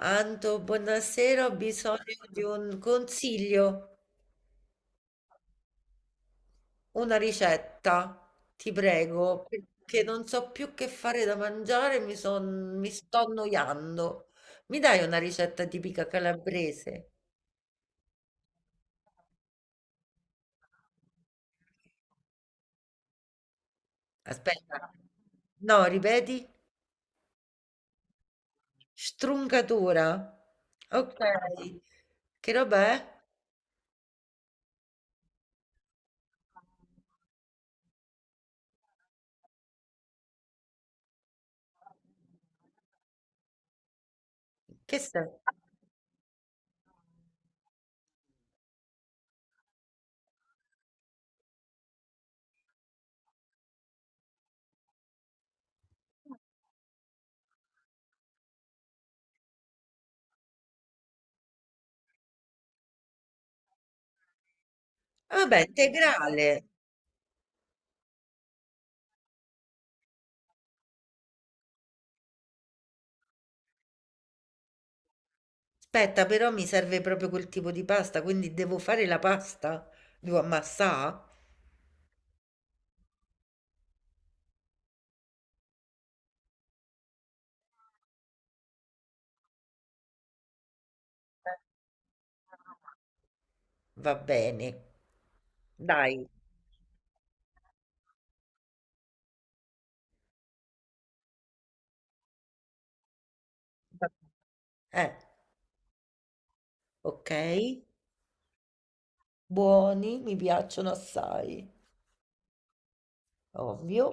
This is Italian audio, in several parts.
Anto, buonasera, ho bisogno di un consiglio, una ricetta, ti prego, perché non so più che fare da mangiare, mi sto annoiando. Mi dai una ricetta tipica calabrese? Aspetta, no, ripeti, struncatura. Ok, che roba è? Che sei? Vabbè, integrale. Aspetta, però mi serve proprio quel tipo di pasta, quindi devo fare la pasta? Devo ammassà? Eh. Va bene, dai. Va- eh, ok. Buoni, mi piacciono assai, ovvio.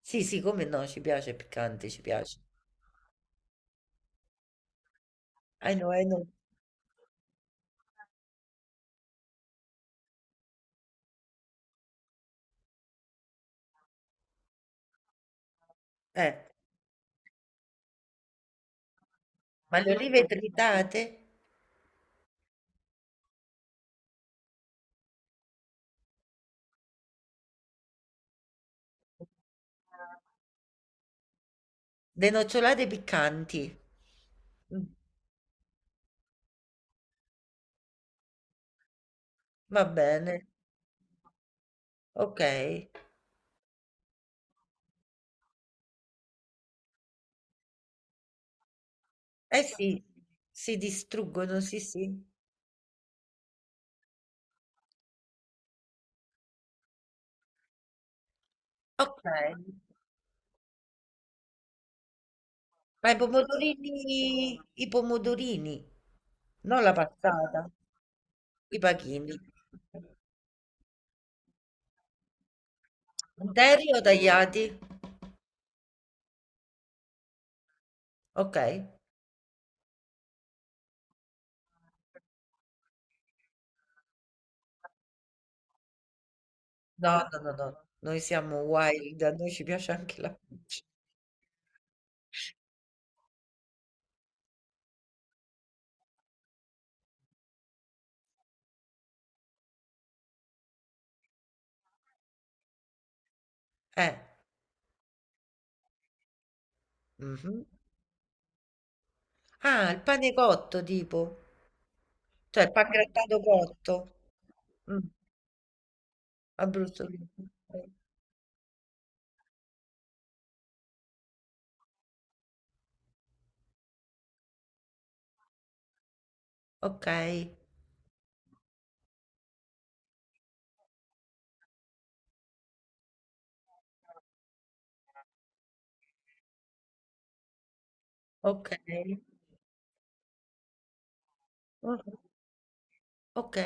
Sì, sì, come no, ci piace piccante, ci piace. I know, I know. Eh, ma le olive tritate, denocciolate piccanti. Mm, va bene, ok. Eh sì, si distruggono, sì, sì. Ok. Ma i pomodorini, non la passata, i pachini. Interi o tagliati? Ok. No, no, no, no. Noi siamo wild, a noi ci piace anche la pizza. Eh. Mhm. Ah, il pane cotto tipo, cioè il pangrattato cotto. Mm, a brustolino. Ok, ok, mm, ok.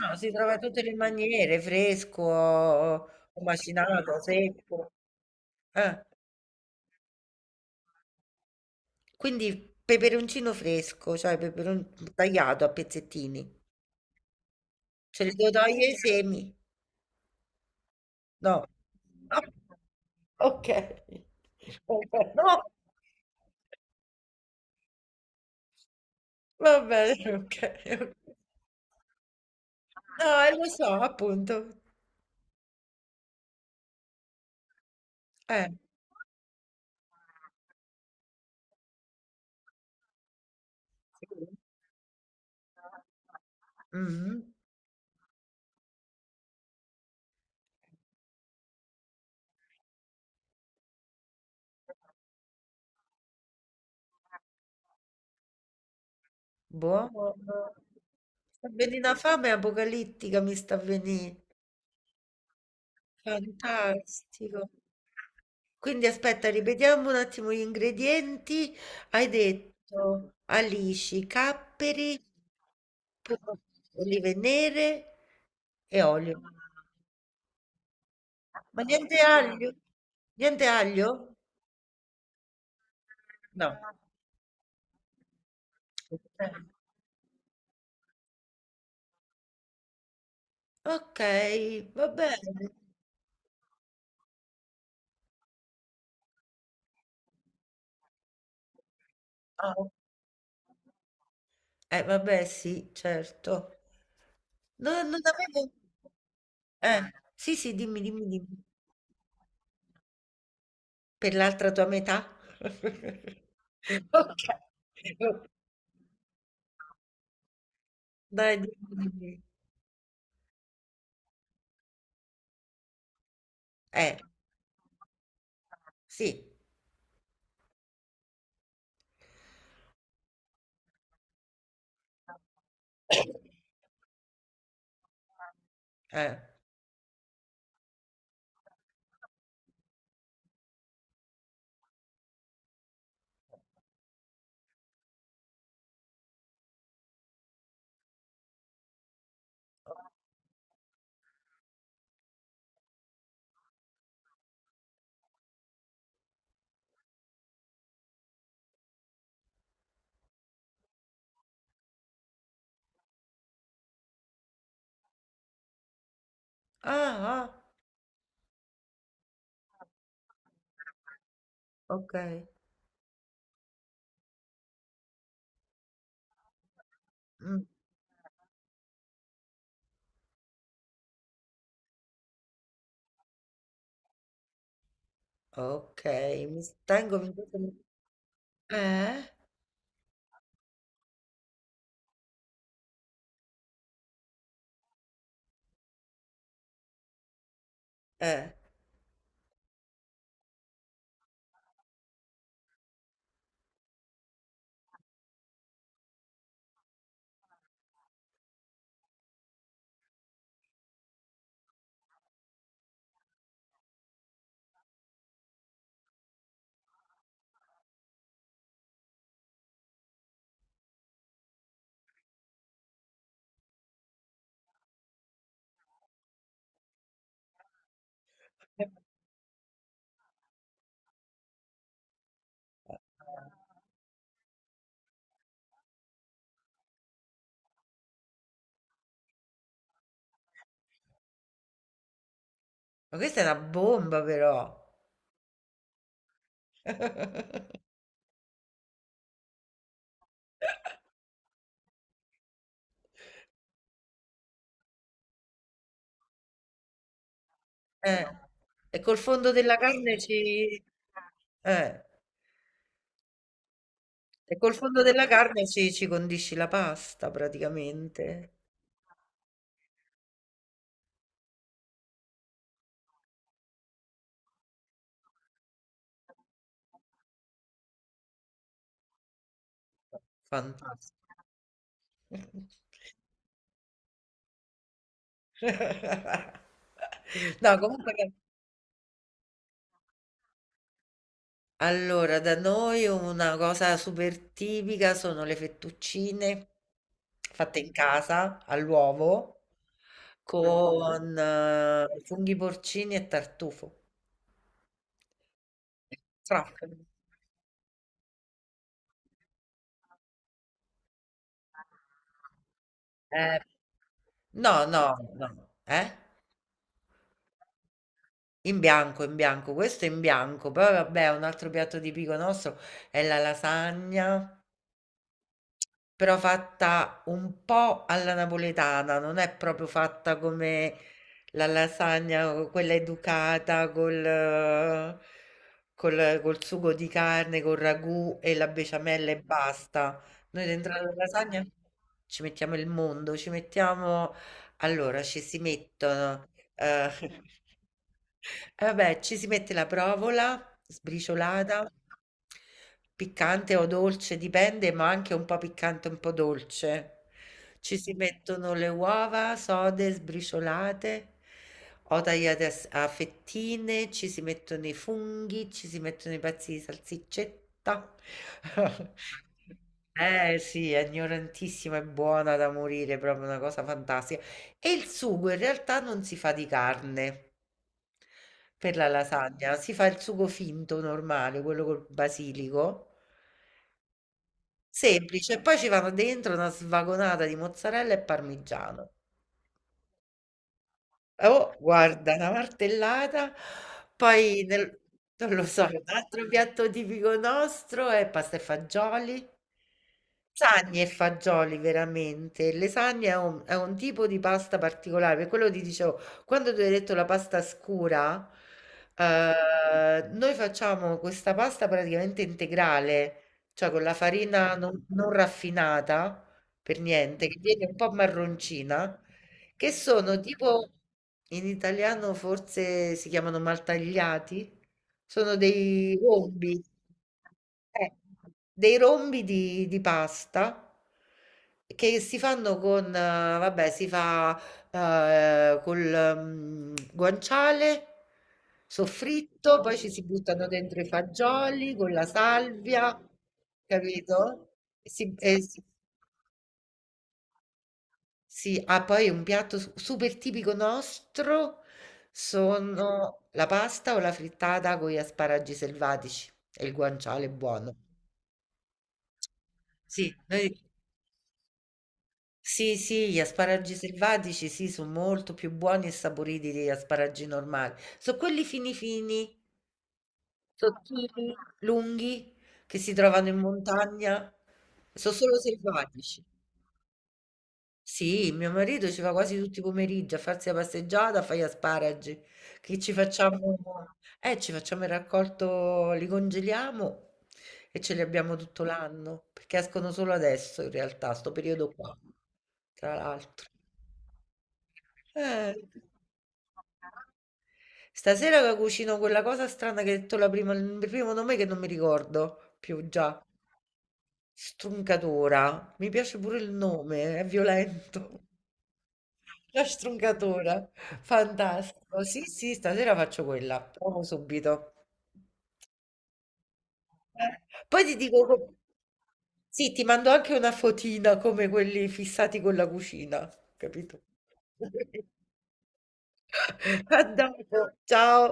No, si trova in tutte le maniere, fresco, o macinato, secco. Eh. Quindi peperoncino fresco, cioè peperon tagliato a pezzettini. Ce li devo togliere i semi? No. Ah, ok. Vabbè, no. Va bene, ok. Ok. No, lo so, appunto. Eh. Mhm, buono. Sta venendo una fame apocalittica, mi sta venendo. Fantastico. Quindi aspetta, ripetiamo un attimo gli ingredienti. Hai detto alici, capperi, po- olive nere e olio. Ma niente aglio? Niente aglio? No. Ok, va bene. Ah, eh, vabbè, sì, certo. No, non avevo... sì, sì, dimmi, dimmi, dimmi. Per l'altra tua metà? Ok. Dai, dimmi, dimmi. Eh, sì, eh. Ah, ah, okay. Mh, okay, eh? Eh, ma questa è una bomba però. Eh, e col fondo della carne ci eh, e col fondo della carne ci condisci la pasta praticamente. Fantastico. No, comunque allora, da noi una cosa super tipica sono le fettuccine fatte in casa all'uovo. Mhm, con funghi porcini e tartufo. Truffoli. Eh, no, no, no, eh? In bianco, questo è in bianco, poi vabbè, un altro piatto tipico nostro è la lasagna. Però fatta un po' alla napoletana, non è proprio fatta come la lasagna, o quella educata col sugo di carne, col ragù e la besciamella e basta. Noi dentro la lasagna ci mettiamo il mondo, ci mettiamo allora ci si mettono, Mh, e vabbè, ci si mette la provola sbriciolata, piccante o dolce, dipende, ma anche un po' piccante, un po' dolce. Ci si mettono le uova sode, sbriciolate o tagliate a fettine, ci si mettono i funghi, ci si mettono i pezzi di salsiccetta. Eh sì, è ignorantissima e buona da morire, proprio una cosa fantastica. E il sugo in realtà non si fa di carne per la lasagna, si fa il sugo finto normale, quello col basilico, semplice, e poi ci vanno dentro una svagonata di mozzarella e parmigiano. Oh, guarda, una martellata, poi nel non lo so, un altro piatto tipico nostro è pasta e fagioli. Lasagne e fagioli veramente. Le lasagne è è un tipo di pasta particolare, per quello ti dicevo, quando tu hai detto la pasta scura, noi facciamo questa pasta praticamente integrale, cioè con la farina non raffinata per niente, che viene un po' marroncina, che sono tipo, in italiano forse si chiamano maltagliati, sono eh, dei rombi di pasta che si fanno con, vabbè, eh, col guanciale, soffritto, poi ci si buttano dentro i fagioli con la salvia, capito? E si- e si- sì, ah poi un piatto s super tipico nostro sono la pasta o la frittata con gli asparagi selvatici e il guanciale buono. Sì, noi sì, sì, gli asparagi selvatici sì, sono molto più buoni e saporiti degli asparagi normali. Sono quelli fini fini, sottili, lunghi, che si trovano in montagna, sono solo selvatici. Sì, mio marito ci va quasi tutti i pomeriggi a farsi la passeggiata, a fare gli asparagi, che ci facciamo il raccolto, li congeliamo e ce li abbiamo tutto l'anno, perché escono solo adesso in realtà, sto periodo qua, tra l'altro. Eh, stasera che cucino quella cosa strana che hai detto la prima, il primo nome che non mi ricordo più già, struncatura, mi piace pure il nome, è violento. La struncatura, fantastico. Sì, sì, stasera faccio quella, provo subito. Eh, Poi ti dico, co- sì, ti mando anche una fotina come quelli fissati con la cucina, capito? Andiamo, ciao.